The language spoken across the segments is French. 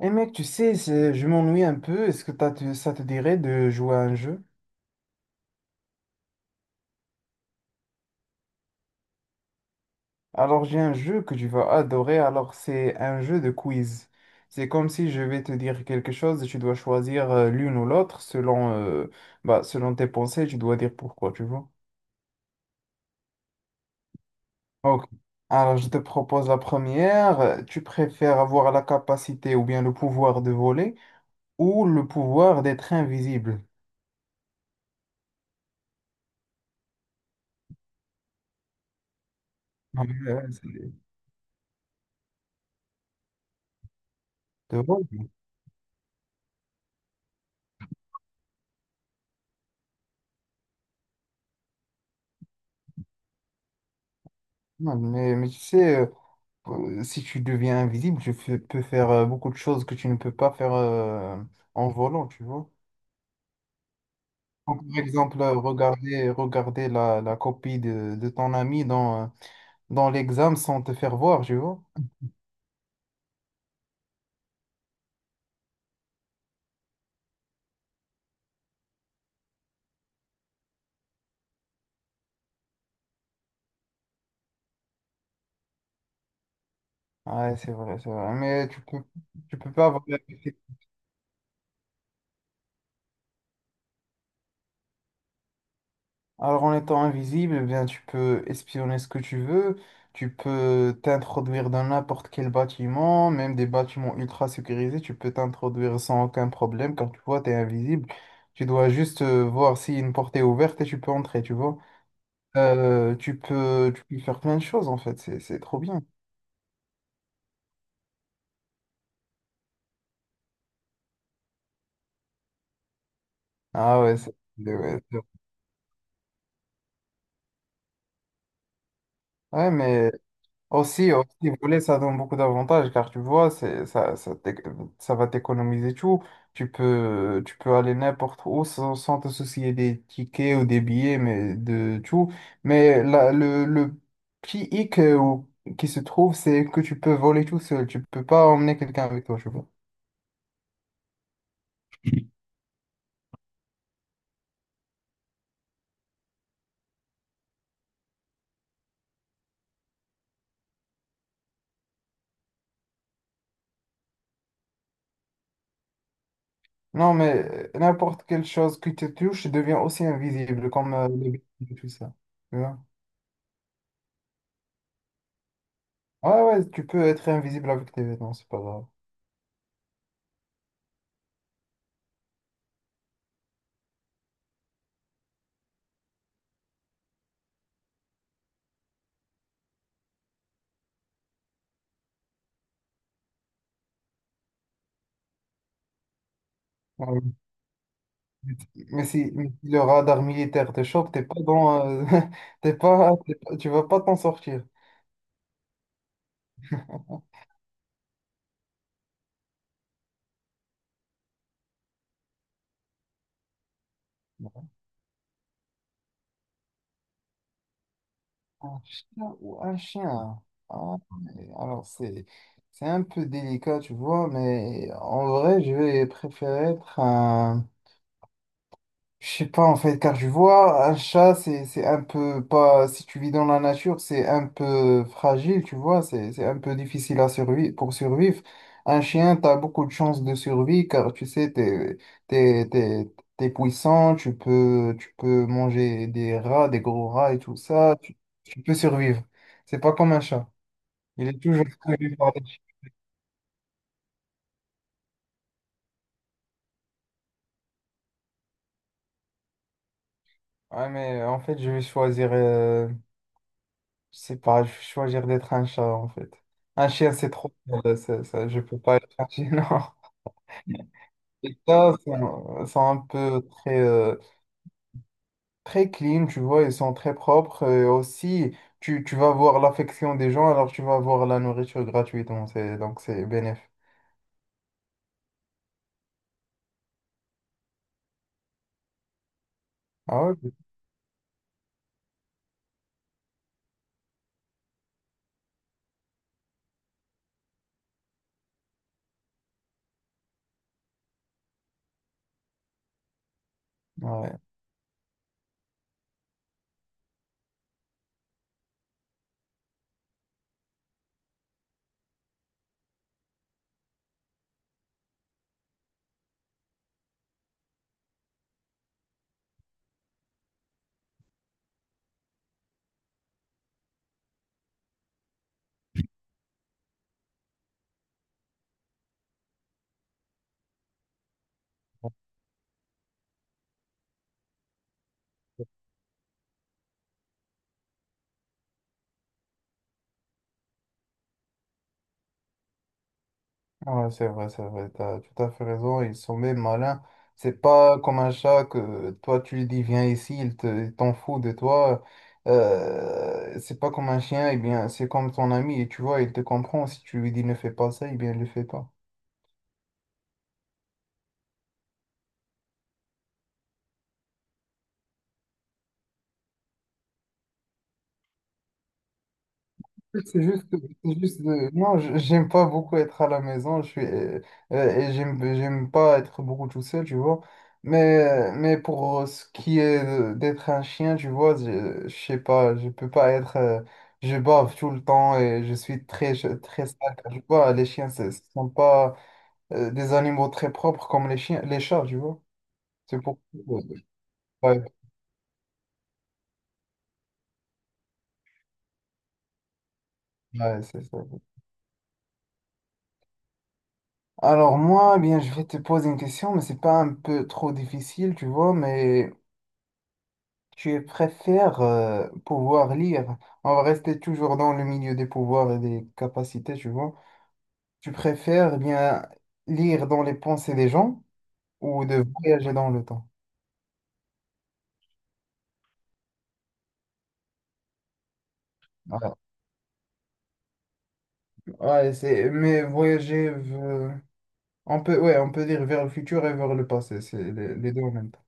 Eh mec, tu sais, je m'ennuie un peu. Est-ce que ça te dirait de jouer à un jeu? Alors, j'ai un jeu que tu vas adorer. Alors, c'est un jeu de quiz. C'est comme si je vais te dire quelque chose et tu dois choisir l'une ou l'autre selon tes pensées. Tu dois dire pourquoi, tu vois. Ok. Alors, je te propose la première. Tu préfères avoir la capacité ou bien le pouvoir de voler ou le pouvoir d'être invisible? Ah, mais, c'est drôle. Non, mais tu sais. Si tu deviens invisible, peux faire beaucoup de choses que tu ne peux pas faire en volant, tu vois. Donc, par exemple, regarder la copie de ton ami dans l'examen sans te faire voir, tu vois. Ouais, c'est vrai, c'est vrai. Mais tu peux pas avoir. Alors en étant invisible, eh bien, tu peux espionner ce que tu veux, tu peux t'introduire dans n'importe quel bâtiment, même des bâtiments ultra sécurisés, tu peux t'introduire sans aucun problème. Quand tu vois, tu es invisible, tu dois juste voir si une porte est ouverte et tu peux entrer, tu vois. Tu peux faire plein de choses en fait, c'est trop bien. Ah ouais, ouais, ouais, mais. Aussi, voler, ça donne beaucoup d'avantages car tu vois, c'est, ça, t'éc- ça va t'économiser tout. Tu peux aller n'importe où sans te soucier des tickets ou des billets, mais de tout. Mais le petit hic qui se trouve, c'est que tu peux voler tout seul. Tu peux pas emmener quelqu'un avec toi, tu vois. Non, mais n'importe quelle chose qui te touche devient aussi invisible, comme les vêtements et tout ça. Tu vois. Ouais, ouais, tu peux être invisible avec tes vêtements, c'est pas grave. Ouais. Mais si le radar militaire te chope, t'es pas dans, t'es pas- tu vas pas t'en sortir. Un chat ou un chien? Ah, mais alors c'est un peu délicat, tu vois, mais en vrai, je vais préférer. Je sais pas en fait, car je vois un chat, c'est un peu pas. Si tu vis dans la nature, c'est un peu fragile, tu vois, c'est un peu difficile à survivre pour survivre. Un chien, t'as beaucoup de chances de survie car tu sais, t'es t'es t'es puissant, tu peux manger des rats, des gros rats et tout ça, tu peux survivre. C'est pas comme un chat. Il est toujours survécu par des chiens. Ouais, mais en fait, je vais choisir. Je sais pas, je vais choisir d'être un chat en fait. Un chien, c'est trop. Ça, je peux pas être un chien, non. Les chats sont un peu très clean, tu vois, ils sont très propres. Aussi, tu vas voir l'affection des gens, alors tu vas voir la nourriture gratuitement. C'est, donc, c'est bénéfique. Ah ouais? Ouais. Ouais, c'est vrai, t'as tout à fait raison, ils sont même malins. C'est pas comme un chat que toi tu lui dis viens ici, il t'en fout de toi. C'est pas comme un chien, eh bien c'est comme ton ami et tu vois, il te comprend. Si tu lui dis ne fais pas ça, eh bien il le fait pas. C'est juste, c'est juste, non, j'aime pas beaucoup être à la maison, je suis, et j'aime pas être beaucoup tout seul, tu vois. Mais pour ce qui est d'être un chien, tu vois, je sais pas, je peux pas être, je bave tout le temps et je suis très sale, tu vois. Les chiens, ce sont pas, des animaux très propres comme les chiens, les chats, tu vois. C'est pour, ouais, ouais, c'est ça. Alors moi, eh bien, je vais te poser une question, mais c'est pas un peu trop difficile, tu vois, mais tu préfères pouvoir lire, on va rester toujours dans le milieu des pouvoirs et des capacités, tu vois. Tu préfères bien lire dans les pensées des gens ou de voyager dans le temps? Ah, ouais, c'est, mais voyager, on peut, ouais, on peut dire vers le futur et vers le passé, c'est les deux en même temps.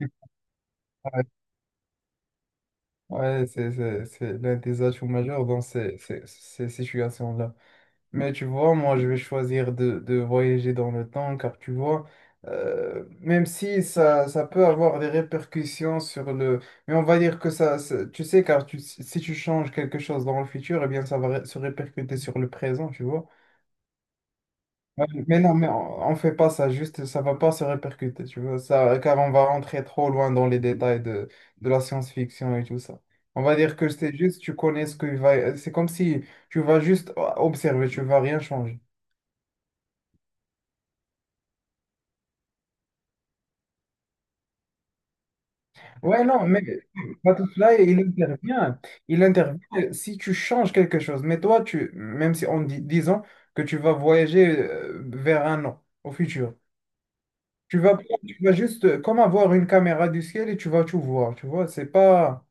Ouais, ouais, c'est l'un des atouts majeurs dans ces situations-là. Mais tu vois, moi, je vais choisir de voyager dans le temps, car tu vois, même si ça peut avoir des répercussions sur le. Mais on va dire que tu sais, car tu, si si tu changes quelque chose dans le futur, eh bien, ça va se répercuter sur le présent, tu vois. Ouais, mais non, mais on fait pas ça, juste, ça va pas se répercuter, tu vois, ça, car on va rentrer trop loin dans les détails de la science-fiction et tout ça. On va dire que c'est juste, tu connais ce qu'il va. C'est comme si tu vas juste observer, tu vas rien changer. Ouais, non, mais pas tout cela, il intervient. Il intervient si tu changes quelque chose. Mais toi, tu, même si on dit, disons que tu vas voyager vers un an au futur, tu vas, tu vas juste comme avoir une caméra du ciel et tu vas tout voir. Tu vois, c'est pas.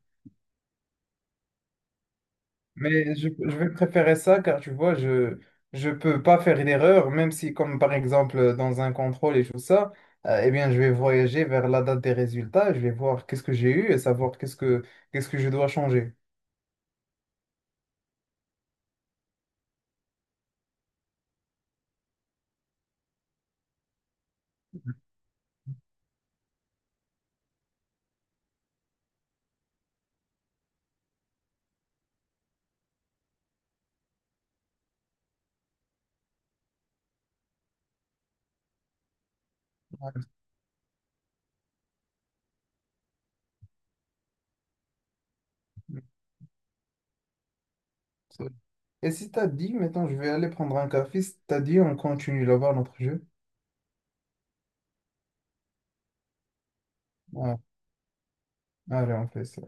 Mais je vais préférer ça car tu vois, je peux pas faire une erreur, même si comme par exemple dans un contrôle et tout ça, eh bien je vais voyager vers la date des résultats, je vais voir qu'est-ce que j'ai eu et savoir qu'est-ce que je dois changer. Ouais, c'est- Et si t'as dit, maintenant je vais aller prendre un café, si t'as dit, on continue là-bas notre jeu. Ouais. Allez, on fait ça.